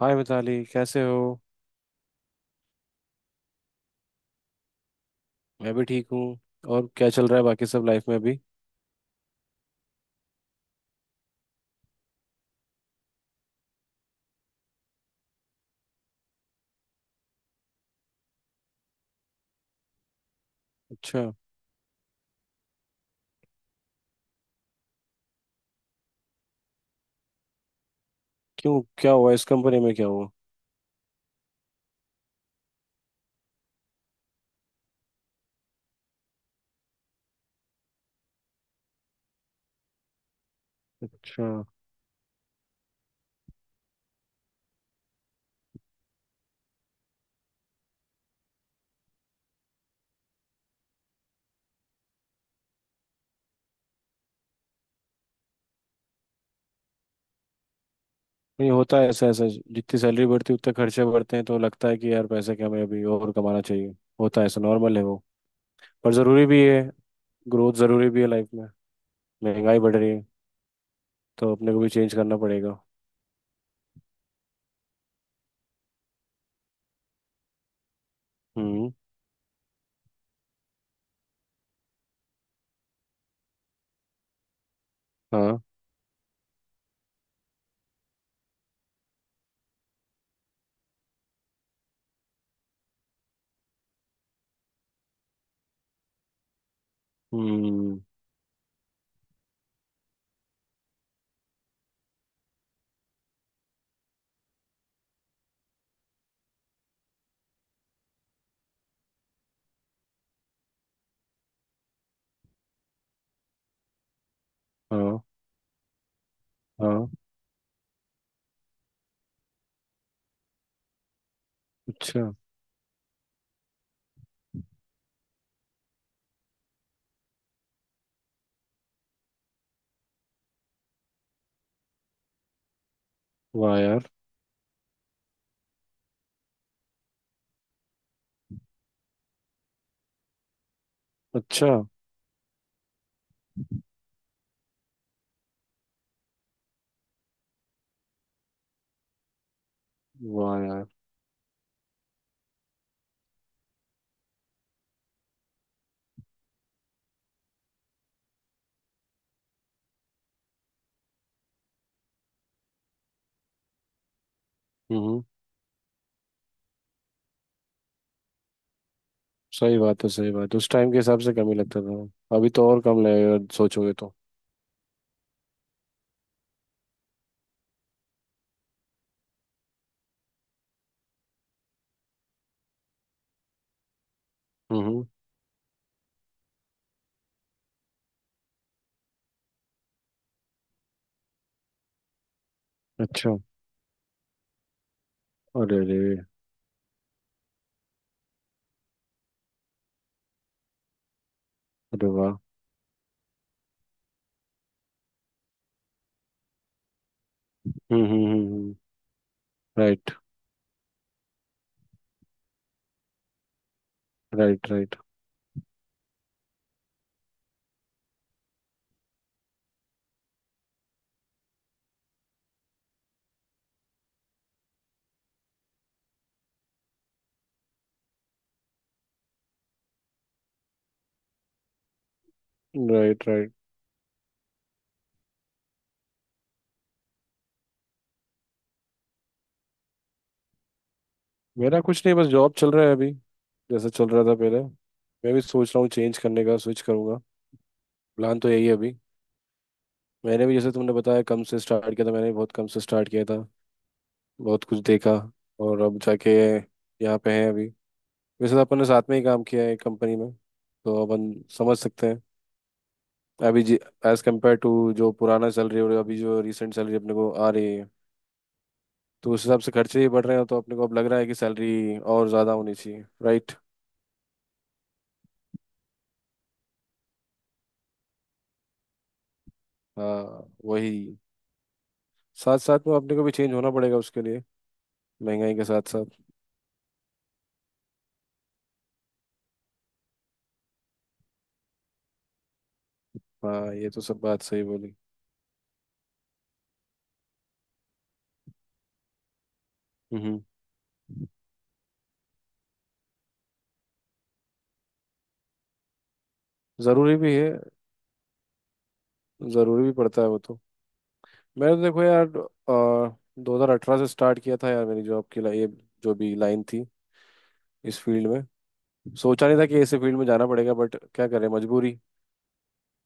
हाय मिताली, कैसे हो। मैं भी ठीक हूँ। और क्या चल रहा है बाकी सब लाइफ में अभी। अच्छा। क्यों, क्या हुआ इस कंपनी में, क्या हुआ। अच्छा। नहीं, होता है ऐसा ऐसा, जितनी सैलरी बढ़ती है उतने खर्चे बढ़ते हैं तो लगता है कि यार पैसे, क्या हमें अभी और कमाना चाहिए। होता है ऐसा, नॉर्मल है वो। पर ज़रूरी भी है। ग्रोथ ज़रूरी भी है लाइफ में। महंगाई बढ़ रही है, तो अपने को भी चेंज करना पड़ेगा। हम्म। हाँ। हम्म। हाँ हाँ। अच्छा। वाह यार। अच्छा। वाह यार। हम्म। सही बात है, सही बात है, उस टाइम के हिसाब से कम ही लगता था, अभी तो और कम लगेगा सोचोगे तो। हम्म। अच्छा। अरे अरे। अरे वाह। हम्म। Right right. Right right. Right. मेरा कुछ नहीं, बस जॉब चल रहा है अभी। जैसा चल रहा था पहले। मैं भी सोच रहा हूँ चेंज करने का, स्विच करूँगा। प्लान तो यही है अभी। मैंने भी जैसे तुमने बताया कम से स्टार्ट किया था, मैंने भी बहुत कम से स्टार्ट किया था। बहुत कुछ देखा। और अब जाके यहाँ पे हैं अभी। वैसे तो अपन ने साथ में ही काम किया है एक कंपनी में, तो अपन समझ सकते हैं। अभी जी, एज कम्पेयर टू जो पुराना सैलरी और अभी जो रिसेंट सैलरी अपने को आ रही है, तो उस हिसाब से खर्चे ही बढ़ रहे हैं, तो अपने को अब लग रहा है कि सैलरी और ज़्यादा होनी चाहिए, राइट। हाँ वही। साथ साथ में अपने को भी चेंज होना पड़ेगा उसके लिए, महंगाई के साथ साथ। हाँ ये तो सब बात सही बोली। हम्म। ज़रूरी भी है, ज़रूरी भी पड़ता है वो तो। मैंने तो देखो यार, 2018 से स्टार्ट किया था यार, मेरी जॉब की ये जो भी लाइन थी इस फील्ड में। सोचा नहीं था कि ऐसे फील्ड में जाना पड़ेगा, बट क्या करें, मजबूरी।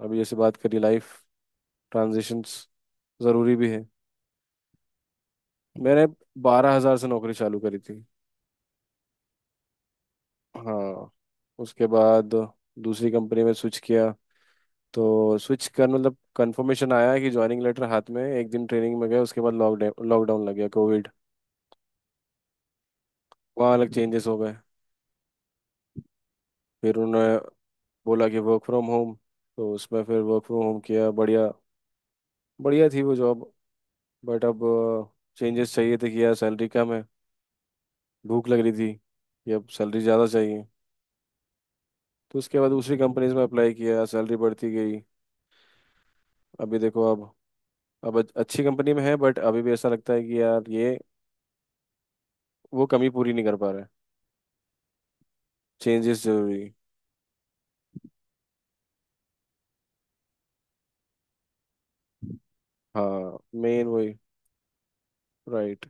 अभी जैसे बात करी, लाइफ ट्रांजिशंस ज़रूरी भी है। मैंने 12,000 से नौकरी चालू करी थी। हाँ। उसके बाद दूसरी कंपनी में स्विच किया। तो स्विच कर मतलब कंफर्मेशन आया कि ज्वाइनिंग लेटर हाथ में, एक दिन ट्रेनिंग में गए, उसके बाद लॉकडाउन लॉकडाउन लग गया, कोविड। वहाँ अलग चेंजेस हो गए। फिर उन्होंने बोला कि वर्क फ्रॉम होम, तो उसमें फिर वर्क फ्रॉम होम किया, बढ़िया। बढ़िया थी वो जॉब, बट अब चेंजेस चाहिए थे, किया, सैलरी कम है। भूख लग रही थी कि अब सैलरी ज़्यादा चाहिए। तो उसके बाद दूसरी कंपनीज में अप्लाई किया, सैलरी बढ़ती गई। अभी देखो अब अच्छी कंपनी में है, बट अभी भी ऐसा लगता है कि यार ये वो कमी पूरी नहीं कर पा रहा है। चेंजेस जरूरी। हाँ मेन वही। राइट।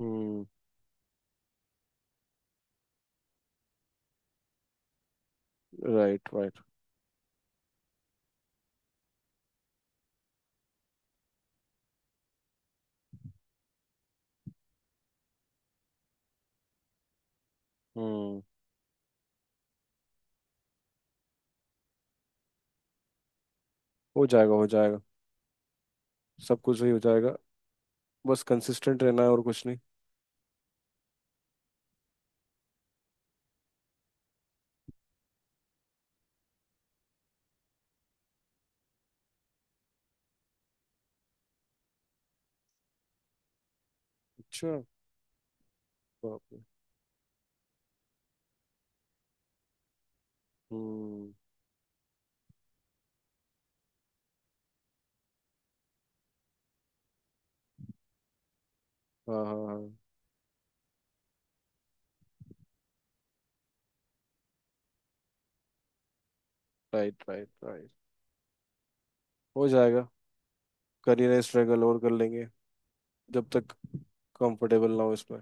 हम्म। Right right. हम्म। हो जाएगा, हो जाएगा। सब कुछ ही हो जाएगा। बस कंसिस्टेंट रहना है और कुछ नहीं। अच्छा। बाप रे। हम्म। हाँ हाँ हाँ। Right right right. हो जाएगा। करियर स्ट्रगल और कर लेंगे जब तक कंफर्टेबल ना हो इसमें।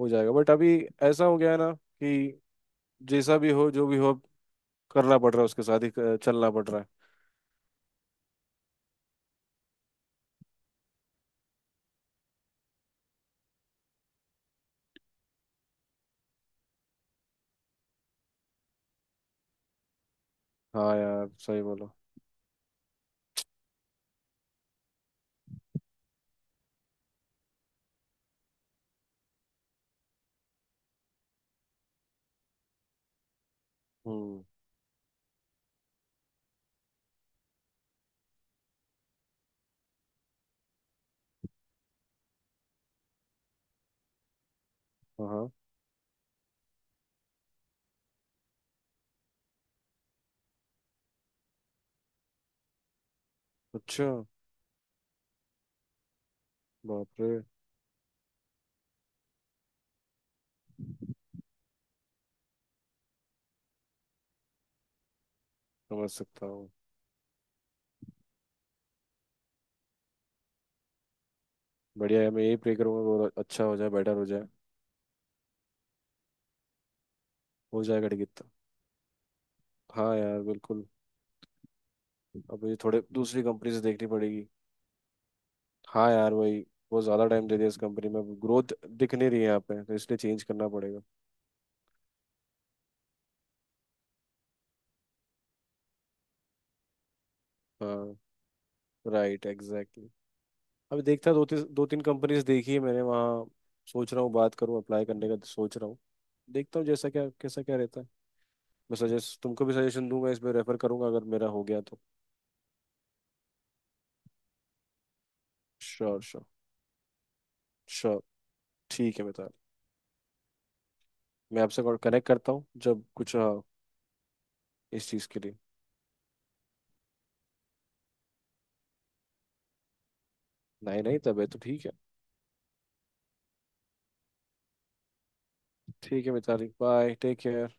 हो जाएगा, बट अभी ऐसा हो गया है ना कि जैसा भी हो, जो भी हो, करना पड़ रहा है, उसके साथ ही चलना पड़ रहा है। हाँ यार सही बोलो। हम्म। हाँ हाँ। अच्छा। बाप रे। समझ सकता हूँ। बढ़िया है, मैं यही प्रे करूंगा बहुत अच्छा हो जाए, बेटर हो जाए। हो जाएगा टिकट तो। हाँ यार बिल्कुल। अब ये थोड़े दूसरी कंपनी से देखनी पड़ेगी। हाँ यार वही। बहुत ज़्यादा टाइम दे दिया इस कंपनी में, ग्रोथ दिख नहीं रही है यहाँ पे, तो इसलिए चेंज करना पड़ेगा। हाँ। Right, exactly. अभी देखता, दो तीन कंपनीज देखी है मैंने वहाँ। सोच रहा हूँ बात करूँ, अप्लाई करने का तो सोच रहा हूँ। देखता हूँ जैसा क्या, कैसा क्या रहता है। मैं सजेस्ट, तुमको भी सजेशन दूंगा, इसमें रेफर करूंगा अगर मेरा हो गया तो। Sure sure. श्योर। ठीक है मिताली। मैं आपसे कनेक्ट करता हूँ जब कुछ इस चीज़ के लिए। नहीं नहीं, तब है तो ठीक है। ठीक है मिताली, बाय, टेक केयर।